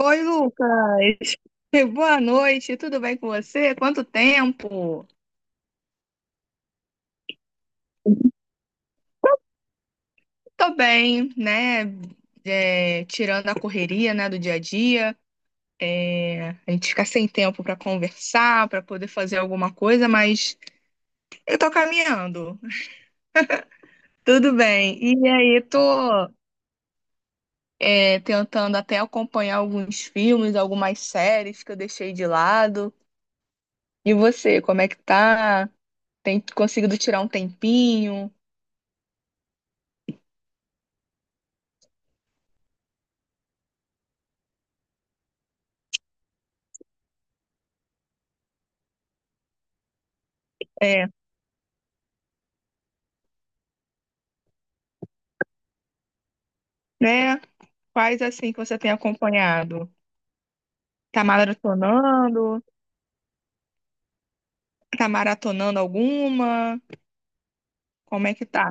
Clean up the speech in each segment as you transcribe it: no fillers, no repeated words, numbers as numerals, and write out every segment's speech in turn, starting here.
Oi, Lucas. Boa noite, tudo bem com você? Quanto tempo? Tô bem, né? É, tirando a correria, né, do dia a dia, É, a gente fica sem tempo pra conversar, pra poder fazer alguma coisa, mas eu tô caminhando. Tudo bem. E aí, tô, é, tentando até acompanhar alguns filmes, algumas séries que eu deixei de lado. E você, como é que tá? Tem conseguido tirar um tempinho? É, né? Quais assim que você tem acompanhado? Tá maratonando? Tá maratonando alguma? Como é que tá?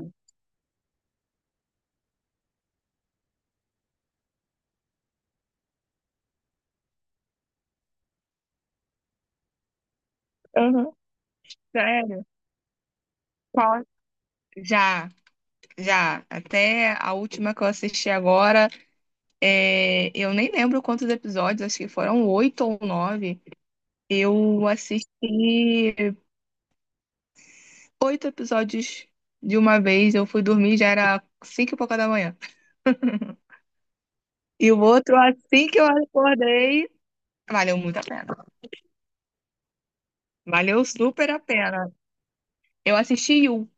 Aham. Sério? Qual? Já, já. Até a última que eu assisti agora, eu nem lembro quantos episódios, acho que foram oito ou nove. Eu assisti oito episódios de uma vez. Eu fui dormir, já era cinco e pouca da manhã. E o outro, assim que eu acordei, valeu muito a pena. Valeu super a pena. Eu assisti You,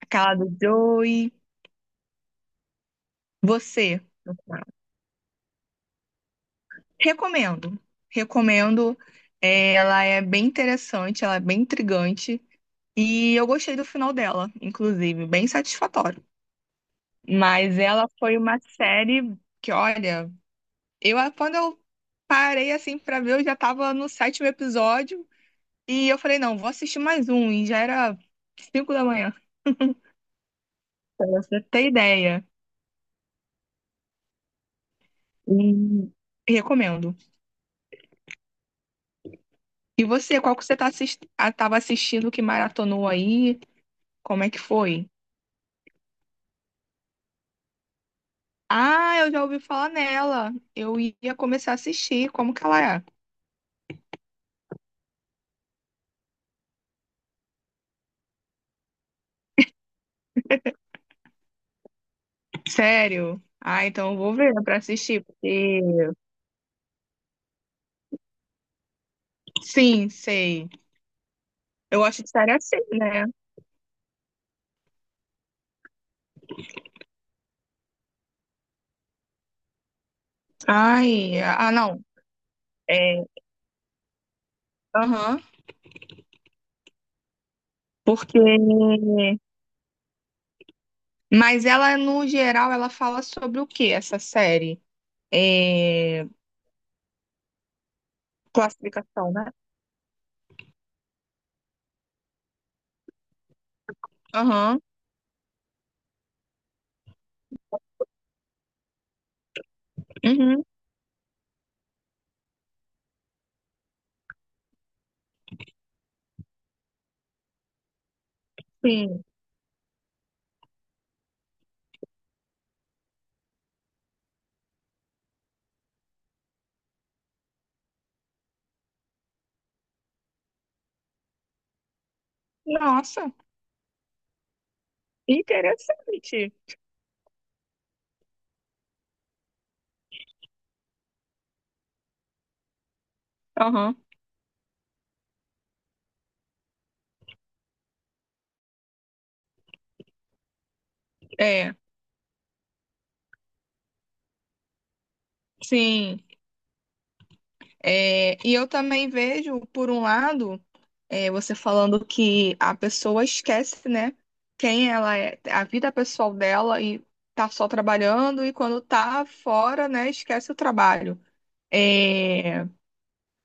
aquela do Joey. Você? Recomendo. Recomendo. É, ela é bem interessante, ela é bem intrigante. E eu gostei do final dela, inclusive, bem satisfatório. Mas ela foi uma série que, olha, eu quando eu parei assim pra ver, eu já tava no sétimo episódio. E eu falei, não, vou assistir mais um. E já era cinco da manhã, pra você ter ideia. E recomendo. E você, qual que você tava assistindo que maratonou aí? Como é que foi? Ah, eu já ouvi falar nela. Eu ia começar a assistir. Como que ela é? Sério? Ah, então eu vou ver pra assistir, porque... Sim, sei. Eu gosto de série assim, né? Ai, ah, não. É, aham. Porque... Mas ela, no geral, ela fala sobre o que essa série? É... Classificação, né? Aham. Uhum, sim. Nossa. Interessante. Aham. É, sim. É, e eu também vejo, por um lado, você falando que a pessoa esquece, né, quem ela é, a vida pessoal dela e tá só trabalhando e quando tá fora, né, esquece o trabalho. É,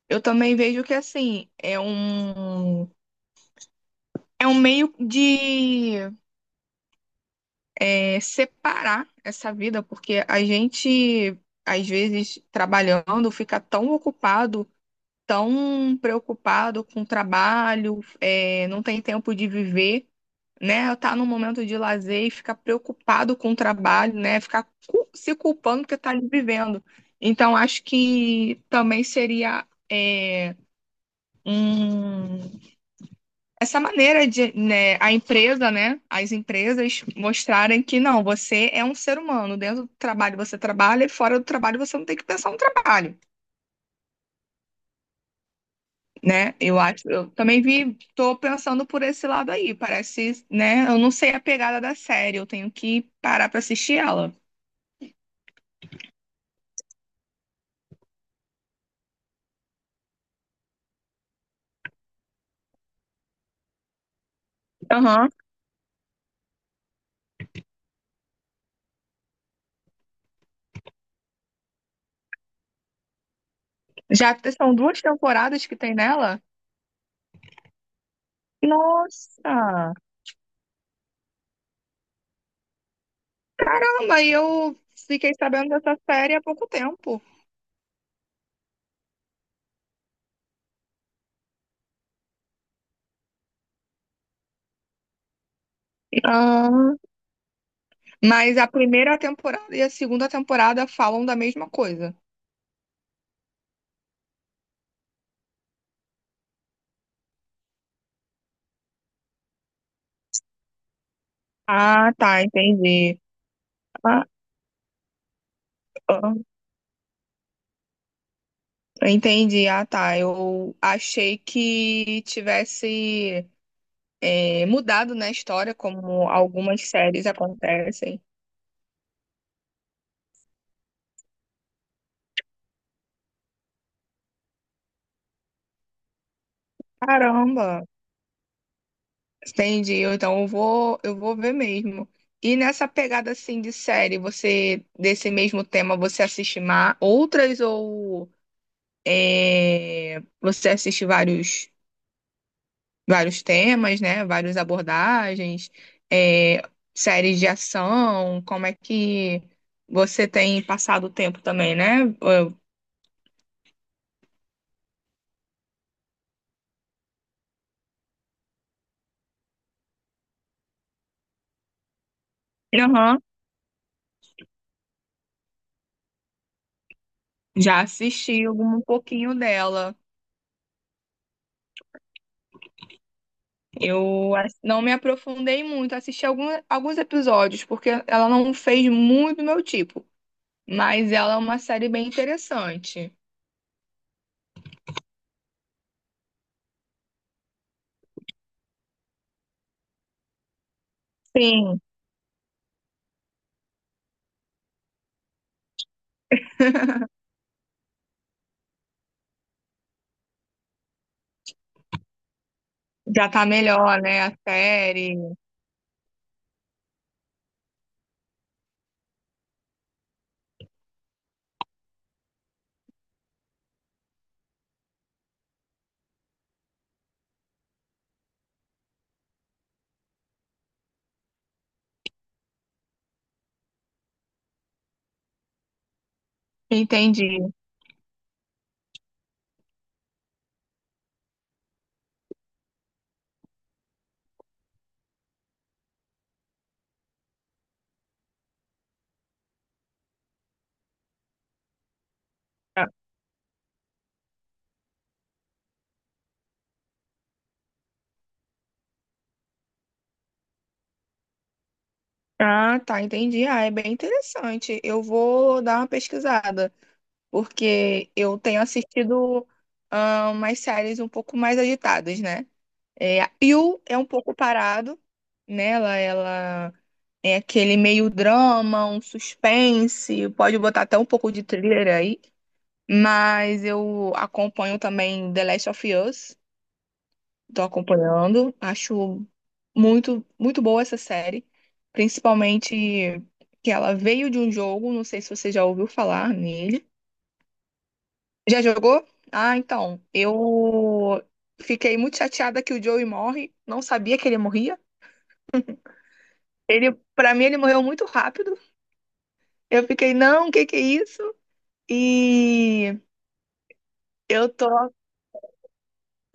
eu também vejo que, assim, é um meio de separar essa vida, porque a gente às vezes trabalhando, fica tão ocupado tão preocupado com o trabalho, não tem tempo de viver, né? Tá num momento de lazer e fica preocupado com o trabalho, né? Ficar se culpando porque tá ali vivendo. Então, acho que também seria um- essa maneira de, né, as empresas mostrarem que não, você é um ser humano. Dentro do trabalho você trabalha e fora do trabalho você não tem que pensar no trabalho, né? Eu acho, eu também vi, tô pensando por esse lado aí. Parece, né? Eu não sei a pegada da série, eu tenho que parar pra assistir ela. Aham. Já te- são duas temporadas que tem nela? Nossa! Caramba, e eu fiquei sabendo dessa série há pouco tempo. Ah, mas a primeira temporada e a segunda temporada falam da mesma coisa. Ah, tá, entendi. Ah, ah, entendi. Ah, tá. Eu achei que tivesse mudado na história, como algumas séries acontecem. Caramba, entendi. Eu, então eu vou ver mesmo. E nessa pegada assim de série, você desse mesmo tema, você outras ou você assiste vários temas, né? Várias abordagens, é, séries de ação, como é que você tem passado o tempo também, né? Aham. Já assisti algum, um pouquinho dela. Não me aprofundei muito, assisti algum, alguns episódios, porque ela não fez muito do meu tipo, mas ela é uma série bem interessante. Sim, já tá melhor, né? A série. Entendi. Ah, tá, entendi. Ah, é bem interessante. Eu vou dar uma pesquisada, porque eu tenho assistido umas séries um pouco mais agitadas, né? É, a Yu é um pouco parado, né? Ela é aquele meio drama, um suspense, pode botar até um pouco de thriller aí. Mas eu acompanho também The Last of Us, tô acompanhando. Acho muito boa essa série, principalmente que ela veio de um jogo, não sei se você já ouviu falar nele. Já jogou? Ah, então, eu fiquei muito chateada que o Joey morre, não sabia que ele morria. Ele, para mim, ele morreu muito rápido. Eu fiquei, não, o que que é isso? E eu tô,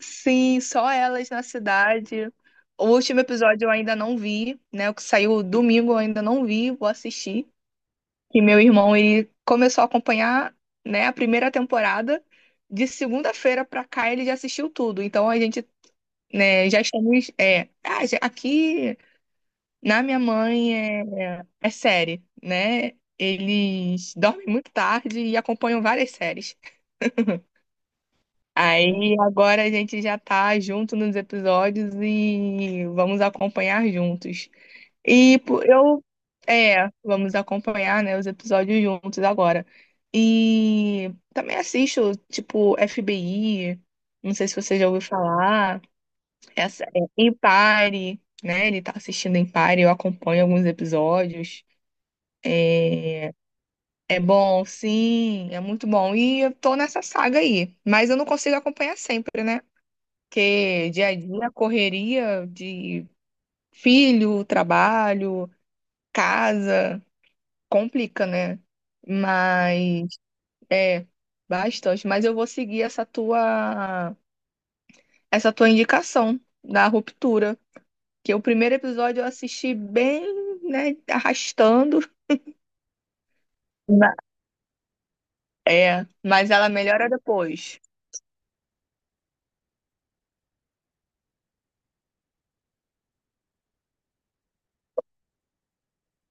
sim, só elas na cidade. O último episódio eu ainda não vi, né? O que saiu domingo eu ainda não vi, vou assistir. E meu irmão, ele começou a acompanhar, né, a primeira temporada. De segunda-feira pra cá ele já assistiu tudo. Então a gente, né, já estamos. Aqui na minha mãe é série, né? Eles dormem muito tarde e acompanham várias séries. Aí agora a gente já tá junto nos episódios e vamos acompanhar juntos. E vamos acompanhar, né, os episódios juntos agora. E também assisto, tipo, FBI, não sei se você já ouviu falar, essa é Empire, né? Ele tá assistindo Empire, eu acompanho alguns episódios. É, é bom, sim, é muito bom. E eu tô nessa saga aí, mas eu não consigo acompanhar sempre, né? Porque dia a dia, correria de filho, trabalho, casa, complica, né? Mas é bastante. Mas eu vou seguir essa tua indicação da ruptura. Que o primeiro episódio eu assisti bem, né, arrastando. Ma- É, mas ela melhora depois.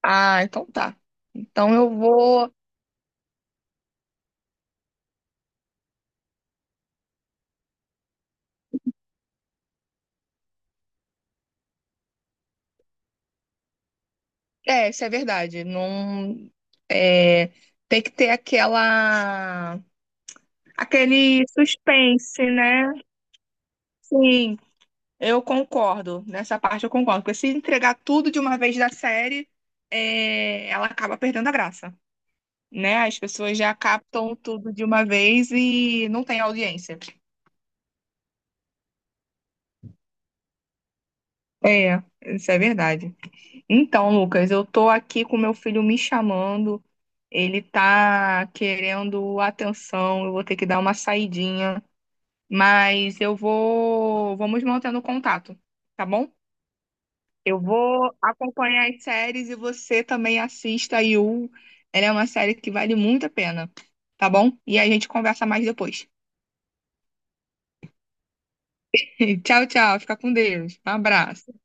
Ah, então tá. Então eu vou. É, isso é verdade. Não. É, tem que ter aquela aquele suspense, né? Sim, eu concordo. Nessa parte eu concordo. Porque se entregar tudo de uma vez da série, ela acaba perdendo a graça, né? As pessoas já captam tudo de uma vez e não tem audiência. É, isso é verdade. Então, Lucas, eu tô aqui com meu filho me chamando. Ele tá querendo atenção. Eu vou ter que dar uma saidinha, mas eu vou, vamos mantendo contato, tá bom? Eu vou acompanhar as séries e você também assista a You. Ela é uma série que vale muito a pena, tá bom? E a gente conversa mais depois. Tchau, tchau. Fica com Deus. Um abraço.